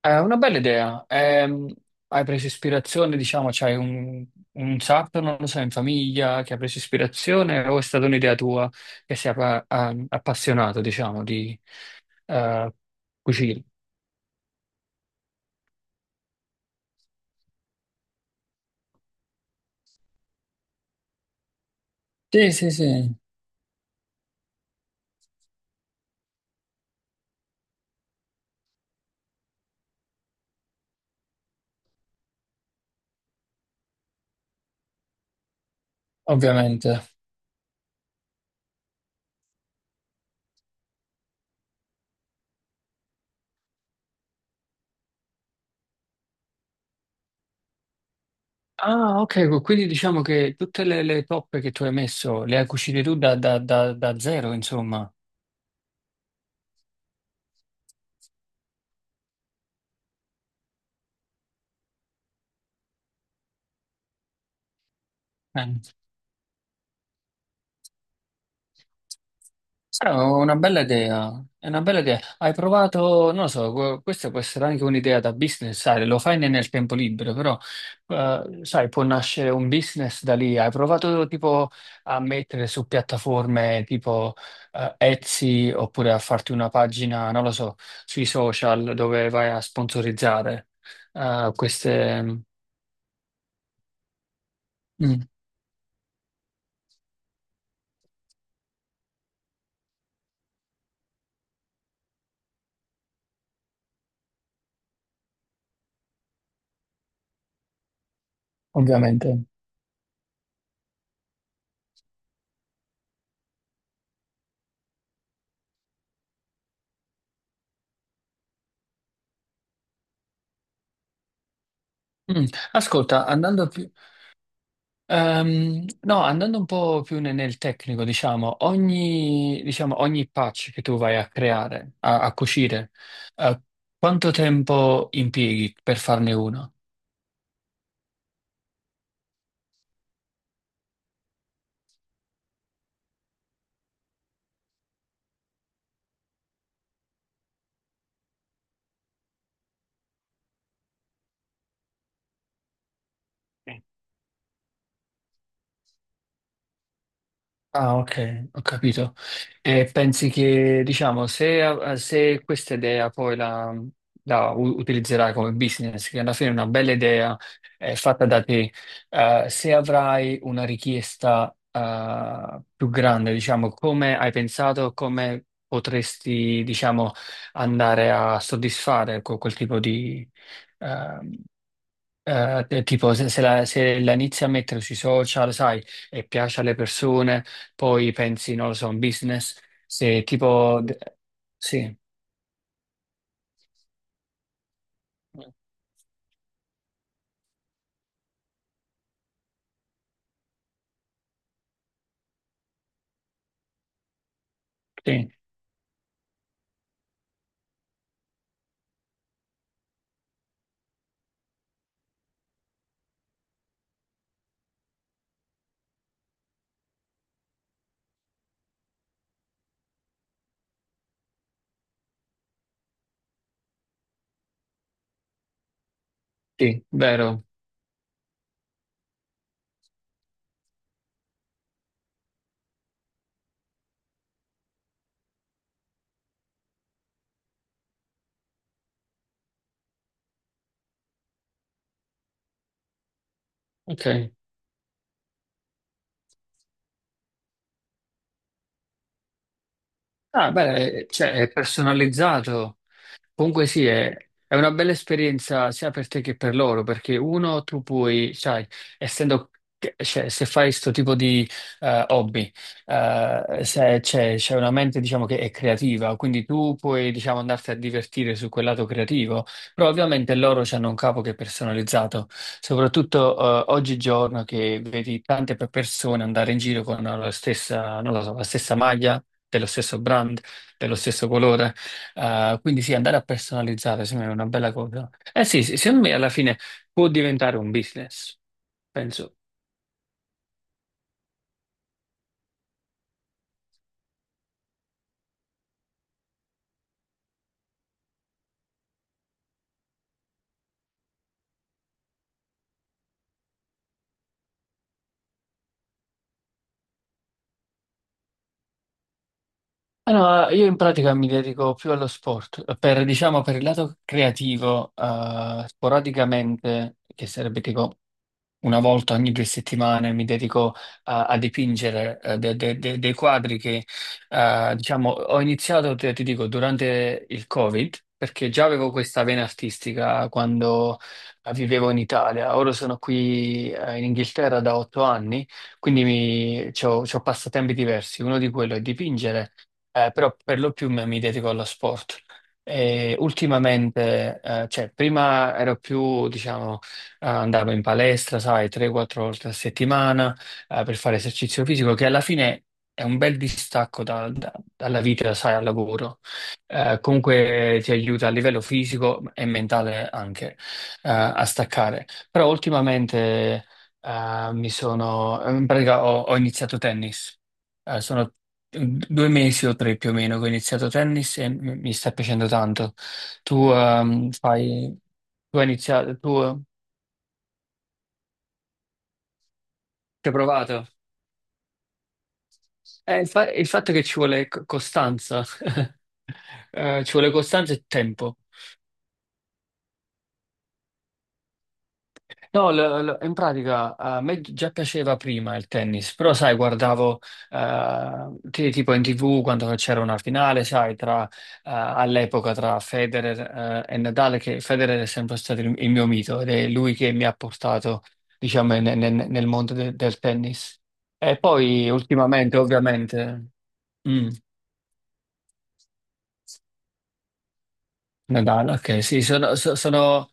È una bella idea. Hai preso ispirazione, diciamo, c'hai un sarto, non lo so, in famiglia che ha preso ispirazione o è stata un'idea tua che sei appassionato, diciamo, di eh, cucina? Sì, sì, sì, ovviamente. Ah, ok, quindi diciamo che tutte le toppe che tu hai messo le hai cucite tu da zero, insomma. Eh. Sarà una bella idea, è una bella idea. Hai provato, non lo so, questa può essere anche un'idea da business, sai, lo fai nel tempo libero, però, sai, può nascere un business da lì. Hai provato tipo a mettere su piattaforme tipo Etsy oppure a farti una pagina, non lo so, sui social dove vai a sponsorizzare queste. Mm, ovviamente. Mm. Ascolta, andando più. No, andando un po' più nel tecnico, diciamo, ogni patch che tu vai a creare, a cucire, eh, quanto tempo impieghi per farne uno? Ah, ok, ho capito. E pensi che, diciamo, se questa idea poi la utilizzerai come business, che alla fine è una bella idea, è fatta da te, se avrai una richiesta, più grande, diciamo, come hai pensato, come potresti, diciamo, andare a soddisfare con quel tipo di, ehm, tipo se, se la inizi a mettere sui social, sai, e piace alle persone, poi pensi, non lo so, un business, se tipo. Sì, sì, sì, vero, ok. Ah, beh, cioè, è personalizzato. Comunque sì, è una bella esperienza sia per te che per loro, perché uno tu puoi, sai, essendo, cioè, se fai questo tipo di hobby, se c'è una mente diciamo che è creativa, quindi tu puoi diciamo andarti a divertire su quel lato creativo, però ovviamente loro hanno un capo che è personalizzato, soprattutto oggigiorno che vedi tante persone andare in giro con la stessa, non lo so, la stessa maglia, dello stesso brand, dello stesso colore. Quindi sì, andare a personalizzare sembra una bella cosa. Eh sì, sì, secondo me alla fine può diventare un business, penso. Allora, io in pratica mi dedico più allo sport, per, diciamo, per il lato creativo, sporadicamente, che sarebbe tipo una volta ogni 2 settimane, mi dedico a dipingere dei quadri che, diciamo, ho iniziato, ti dico, durante il Covid, perché già avevo questa vena artistica quando vivevo in Italia, ora sono qui, in Inghilterra da 8 anni, quindi mi, c'ho passatempi diversi, uno di quello è dipingere però per lo più mi dedico allo sport. E ultimamente, cioè, prima ero più, diciamo, andavo in palestra, sai, 3-4 volte a settimana, per fare esercizio fisico, che alla fine è un bel distacco dalla vita, sai, al lavoro. Comunque ti aiuta a livello fisico e mentale anche, a staccare. Però ultimamente, mi sono, in pratica ho iniziato tennis. Sono 2 mesi o 3 più o meno che ho iniziato tennis e mi sta piacendo tanto. Tu fai, tu hai iniziato, tu ci hai provato. Il fatto è che ci vuole costanza, Ci vuole costanza e tempo. No, in pratica a me già piaceva prima il tennis, però sai, guardavo tipo in TV quando c'era una finale, sai, tra, all'epoca tra Federer e Nadal, che Federer è sempre stato il mio mito ed è lui che mi ha portato, diciamo, nel mondo del tennis. E poi ultimamente, ovviamente, mm, Nadal, ok, sì, sono,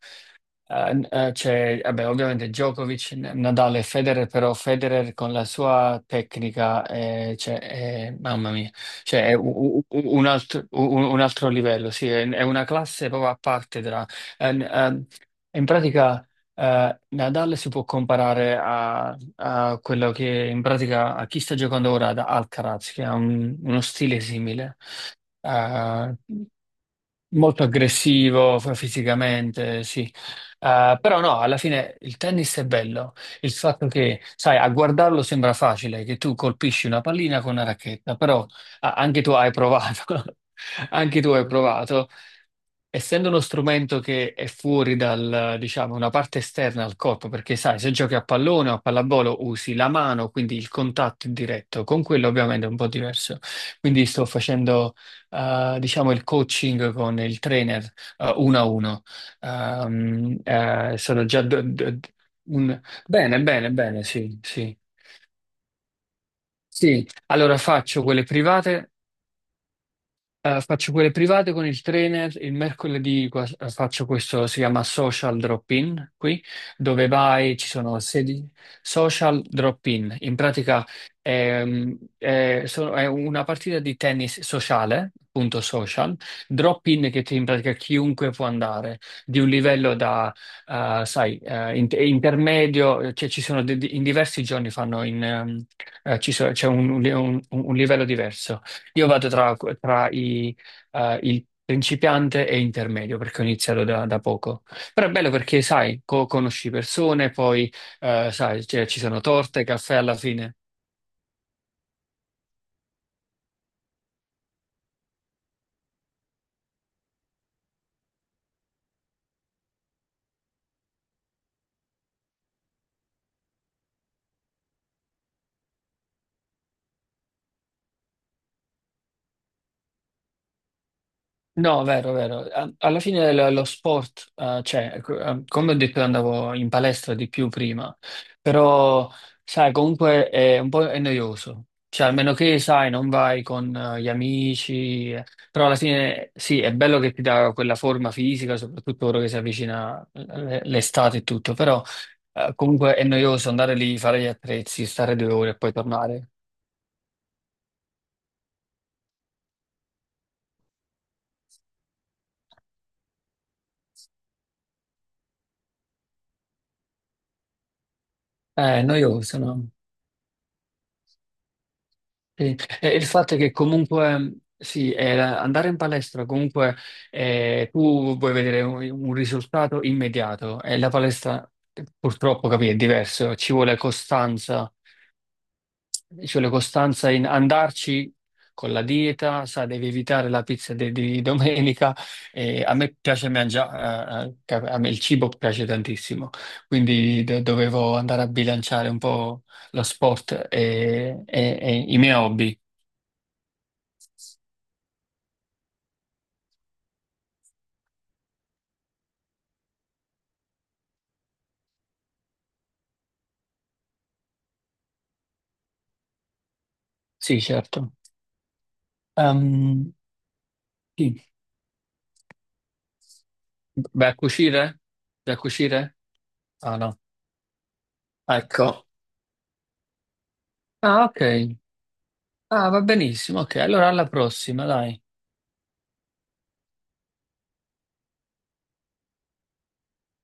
c'è, vabbè, ovviamente Djokovic, Nadal e Federer, però Federer con la sua tecnica, cioè, mamma mia, cioè, è u- u- un, altro, u- un altro livello, sì, è una classe proprio a parte eh, n- ehm, in pratica, Nadal si può comparare a quello che, in pratica, a chi sta giocando ora ad Alcaraz, che ha uno stile simile. eh, Molto aggressivo fisicamente, sì. Però no, alla fine il tennis è bello. Il fatto che, sai, a guardarlo sembra facile, che tu colpisci una pallina con una racchetta, però ah, anche tu hai provato, anche tu hai provato. Essendo uno strumento che è fuori dal, diciamo, una parte esterna al corpo, perché sai, se giochi a pallone o a pallavolo usi la mano, quindi il contatto è diretto, con quello ovviamente è un po' diverso. Quindi sto facendo, diciamo, il coaching con il trainer, uno a uno. Sono già. Un. Bene, bene, bene, sì, sì. Sì, allora faccio quelle private. Faccio quelle private con il trainer, il mercoledì faccio questo, si chiama Social Drop-in qui, dove vai, ci sono sedi. Social Drop-in, in pratica è una partita di tennis sociale, appunto social, drop-in che in pratica chiunque può andare, di un livello da, sai, intermedio, cioè ci sono in diversi giorni fanno in, c'è un un livello diverso. Io vado tra il principiante e intermedio perché ho iniziato da poco. Però è bello perché, sai, conosci persone, poi, sai, cioè, ci sono torte, caffè alla fine. No, vero, vero. Alla fine lo sport, cioè, ecco, come ho detto, io andavo in palestra di più prima, però, sai, comunque è un po' è noioso. Cioè, almeno che, sai, non vai con gli amici, però alla fine sì, è bello che ti dà quella forma fisica, soprattutto ora che si avvicina l'estate e tutto, però comunque è noioso andare lì, fare gli attrezzi, stare 2 ore e poi tornare. È noioso, no? Sì, e il fatto è che comunque sì, andare in palestra, comunque tu vuoi vedere un risultato immediato e la palestra purtroppo, capì, è diverso, ci vuole costanza in andarci con la dieta, sai, devi evitare la pizza di domenica, a me piace mangiare, a me il cibo piace tantissimo, quindi dovevo andare a bilanciare un po' lo sport e e i miei hobby. Sì, certo. Ehm, sì. Vai a cucire? Vai a cucire? Ah, no. Ecco. Ah, ok. Ah, va benissimo. Ok, allora alla prossima, dai.